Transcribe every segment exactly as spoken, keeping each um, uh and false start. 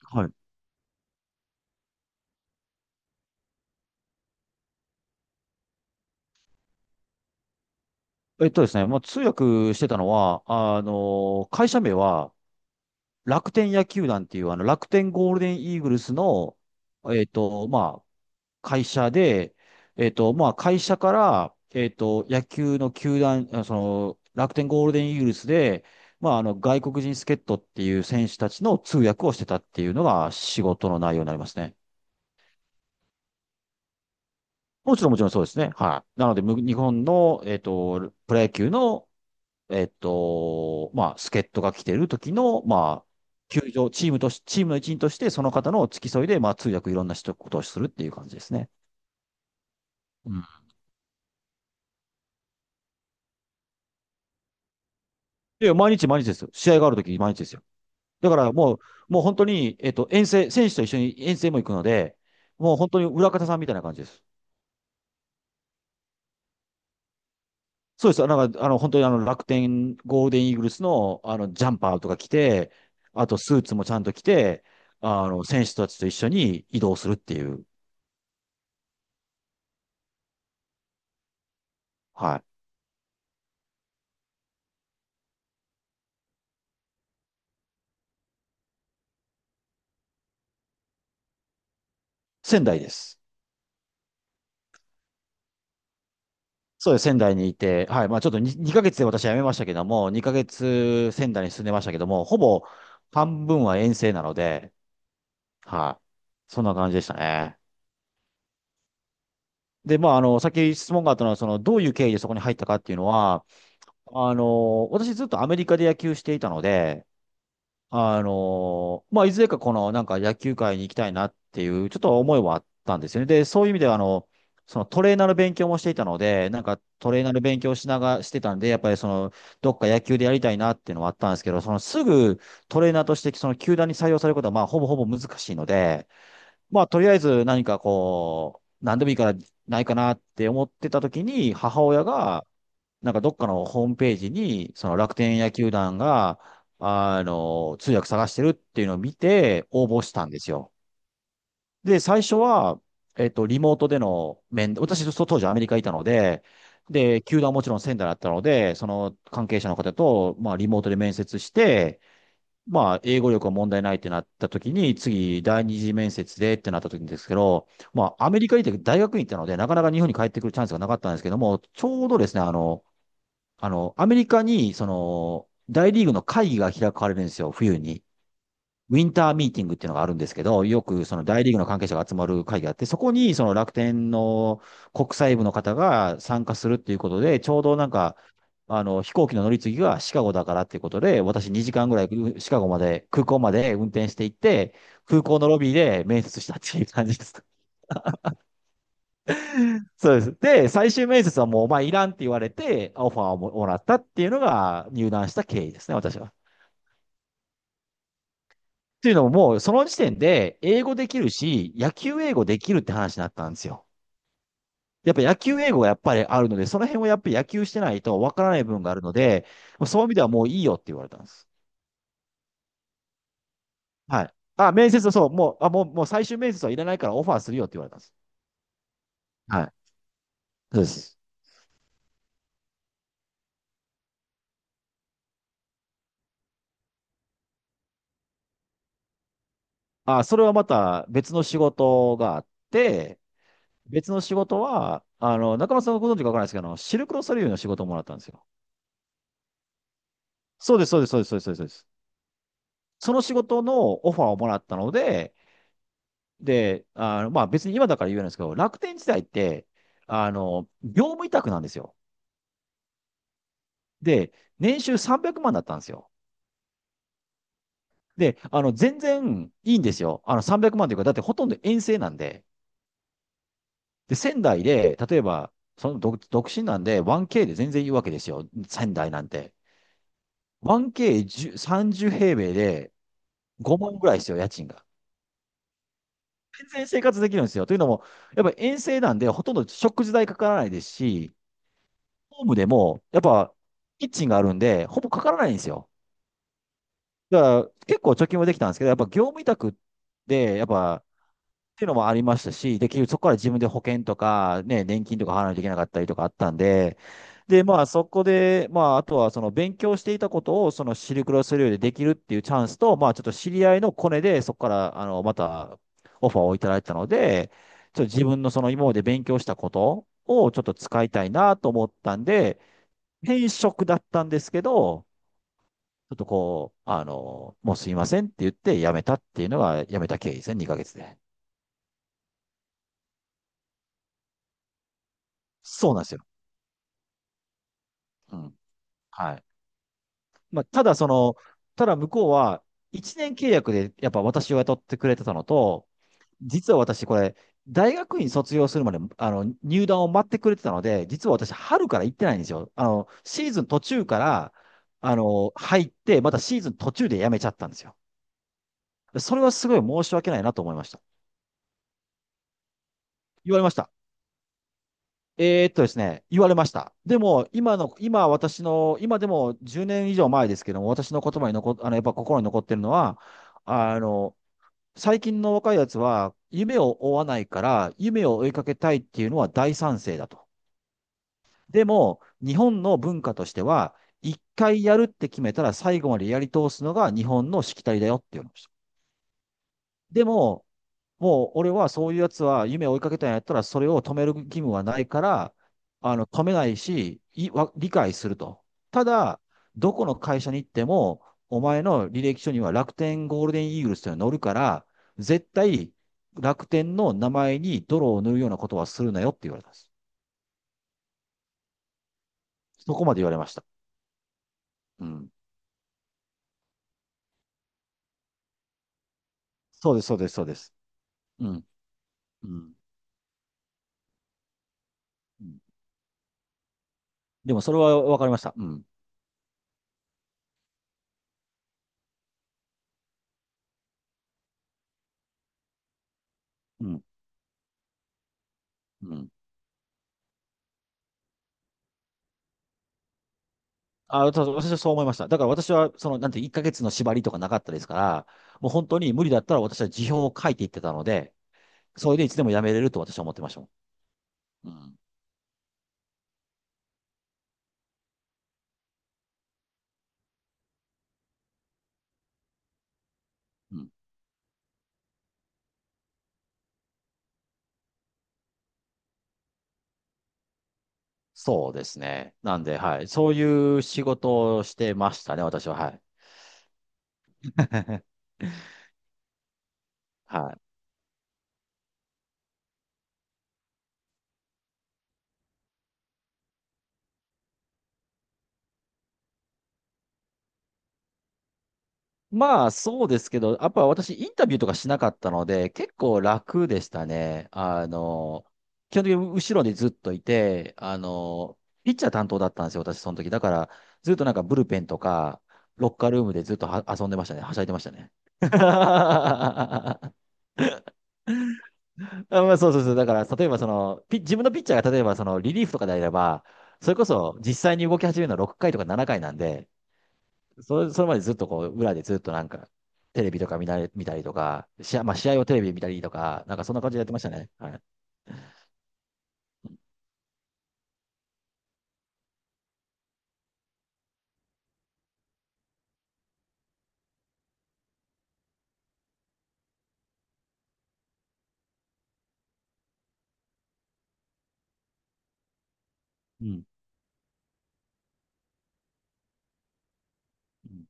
はい。えっとですね、まあ、通訳してたのは、あの、会社名は楽天野球団っていう、あの、楽天ゴールデンイーグルスの、えっと、まあ、会社で、えっと、まあ、会社から、えっと、野球の球団、あその、楽天ゴールデンイーグルスで、まあ、あの、外国人助っ人っていう選手たちの通訳をしてたっていうのが仕事の内容になりますね。もちろん、もちろんそうですね。はい。なので、む日本の、えっと、プロ野球の、えっと、まあ、助っ人が来てる時の、まあ、球場、チームとし、チームの一員として、その方の付き添いで、まあ、通訳いろんな人、ことをするっていう感じですね。うん。で、毎日毎日ですよ。試合がある時毎日ですよ。だからもう、もう本当に、えっと、遠征、選手と一緒に遠征も行くので、もう本当に裏方さんみたいな感じです。そうです。なんか、あの、本当にあの、楽天、ゴールデンイーグルスの、あの、ジャンパーとか着て、あと、スーツもちゃんと着て、あの、選手たちと一緒に移動するっていう、はい。仙台です。そうです。仙台にいて、はい。まあちょっと に にかげつで私は辞めましたけども、にかげつ仙台に住んでましたけども、ほぼ半分は遠征なので、はい。そんな感じでしたね。で、まああの、さっき質問があったのは、その、どういう経緯でそこに入ったかっていうのは、あの、私ずっとアメリカで野球していたので、あのーまあ、いずれかこのなんか野球界に行きたいなっていう、ちょっと思いはあったんですよね。で、そういう意味では、あの、そのトレーナーの勉強もしていたので、なんかトレーナーの勉強しながらしてたんで、やっぱりその、どっか野球でやりたいなっていうのはあったんですけど、そのすぐトレーナーとしてその球団に採用されることはまあほぼほぼ難しいので、まあとりあえず何かこう、何でもいいからないかなって思ってた時に、母親が、なんかどっかのホームページに、その楽天野球団が、あの、通訳探してるっていうのを見て、応募したんですよ。で、最初は、えっと、リモートでの面、私、そ当時アメリカにいたので、で、球団はもちろん仙台だったので、その関係者の方と、まあ、リモートで面接して、まあ、英語力は問題ないってなった時に、次、第二次面接でってなった時にですけど、まあ、アメリカに行って大学に行ったので、なかなか日本に帰ってくるチャンスがなかったんですけども、ちょうどですね、あの、あの、アメリカに、その、大リーグの会議が開かれるんですよ、冬に。ウィンターミーティングっていうのがあるんですけど、よくその大リーグの関係者が集まる会議があって、そこにその楽天の国際部の方が参加するっていうことで、ちょうどなんか、あの、飛行機の乗り継ぎがシカゴだからっていうことで、私にじかんぐらいシカゴまで、空港まで運転していって、空港のロビーで面接したっていう感じです。そうです。で、最終面接はもうお前いらんって言われて、オファーをもらったっていうのが入団した経緯ですね、私は。っていうのももうその時点で英語できるし、野球英語できるって話になったんですよ。やっぱ野球英語がやっぱりあるので、その辺をやっぱり野球してないとわからない部分があるので、そういう意味ではもういいよって言われたんです。はい。あ、面接はそう、もう、あ、もう、もう最終面接はいらないからオファーするよって言われたんです。はい。そうです。あ、それはまた別の仕事があって、別の仕事は、あの、中村さんご存知かわからないですけど、あのシルクロソリューの仕事をもらったんですよ。そうです、そうです、そうです、そうです、そうです。その仕事のオファーをもらったので、で、あの、まあ別に今だから言えないんですけど、楽天時代って、あの、業務委託なんですよ。で、年収さんびゃくまんだったんですよ。で、あの、全然いいんですよ。あの、さんびゃくまんというか、だってほとんど遠征なんで。で、仙台で、例えば、その独独身なんで ワンケー で全然いいわけですよ。仙台なんて。ワンケーさんじゅう 平米でごまんぐらいですよ、家賃が。全然生活できるんですよ。というのも、やっぱ遠征なんで、ほとんど食事代かからないですし、ホームでも、やっぱ、キッチンがあるんで、ほぼかからないんですよ。だから、結構貯金もできたんですけど、やっぱ業務委託で、やっぱ、っていうのもありましたし、できる、結局そこから自分で保険とか、ね、年金とか払わないといけなかったりとかあったんで、で、まあ、そこで、まあ、あとは、その、勉強していたことを、その、シルクロス領でできるっていうチャンスと、まあ、ちょっと知り合いのコネで、そこから、あの、また、オファーをいただいたので、ちょっと自分のその、今まで勉強したことを、ちょっと使いたいなと思ったんで、転職だったんですけど、ちょっとこう、あの、もうすいませんって言って辞めたっていうのが辞めた経緯ですね、にかげつで。そうなんですよ。うん。はい。まあ、ただその、ただ向こうはいちねん契約でやっぱ私を雇ってくれてたのと、実は私これ、大学院卒業するまで、あの、入団を待ってくれてたので、実は私春から行ってないんですよ。あの、シーズン途中から、あの、入って、またシーズン途中で辞めちゃったんですよ。それはすごい申し訳ないなと思いました。言われました。えーっとですね、言われました。でも、今の、今私の、今でもじゅうねん以上前ですけども、私の言葉に残っ、あの、やっぱ心に残ってるのは、あの、最近の若いやつは、夢を追わないから、夢を追いかけたいっていうのは大賛成だと。でも、日本の文化としては、一回やるって決めたら最後までやり通すのが日本のしきたりだよっていうのでした。でも、もう俺はそういうやつは夢を追いかけたんやったら、それを止める義務はないから、あの、止めないし、い、わ、理解すると。ただ、どこの会社に行っても、お前の履歴書には楽天ゴールデンイーグルスというのが載るから、絶対楽天の名前に泥を塗るようなことはするなよって言われたんです。そこまで言われました。うん。そうです、そうです、そうです。うん。うん。うん。でもそれはわかりました。うん。うん。うん。あ、ただ私はそう思いました。だから私は、その、なんて、いっかげつの縛りとかなかったですから、もう本当に無理だったら私は辞表を書いていってたので、それでいつでも辞めれると私は思ってましたもん。うん。うん。そうですね。なんで、はい。そういう仕事をしてましたね、私は。はい。はい。まあ、そうですけど、やっぱ私、インタビューとかしなかったので、結構楽でしたね。あの、基本的に後ろにずっといて、あの、ピッチャー担当だったんですよ、私、その時。だから、ずっとなんかブルペンとか、ロッカールームでずっとは遊んでましたね。はしゃいでましたね。あ、まあ、そうそうそう。だから、例えばその、ピ自分のピッチャーが例えばそのリリーフとかであれば、それこそ実際に動き始めるのはろっかいとかななかいなんで、それ、それまでずっとこう、裏でずっとなんか、テレビとか見なれ、見たりとか、試合、まあ試合をテレビで見たりとか、なんかそんな感じでやってましたね。はい。うん。うん。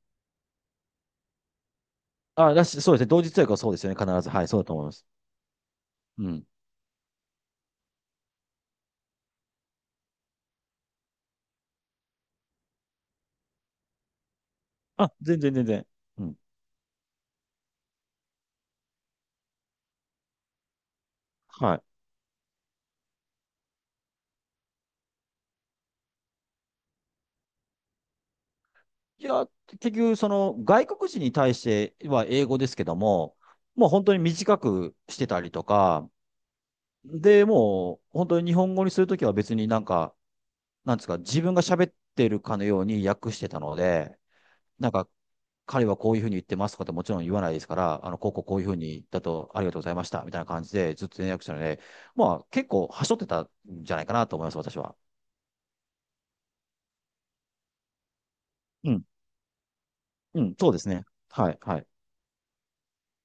あ、だし、そうですね。同時通訳はそうですよね。必ず。はい、そうだと思います。うん。あ、全然全然。うん。はい。いや、結局、その、外国人に対しては英語ですけども、もう本当に短くしてたりとか、で、もう、本当に日本語にするときは別になんか、なんですか、自分が喋ってるかのように訳してたので、なんか、彼はこういうふうに言ってますとかってもちろん言わないですから、あの、こうこうこういうふうにだとありがとうございました、みたいな感じでずっと連絡したので、まあ結構はしょってたんじゃないかなと思います、私は。うん。うん、そうですね。はい、はい。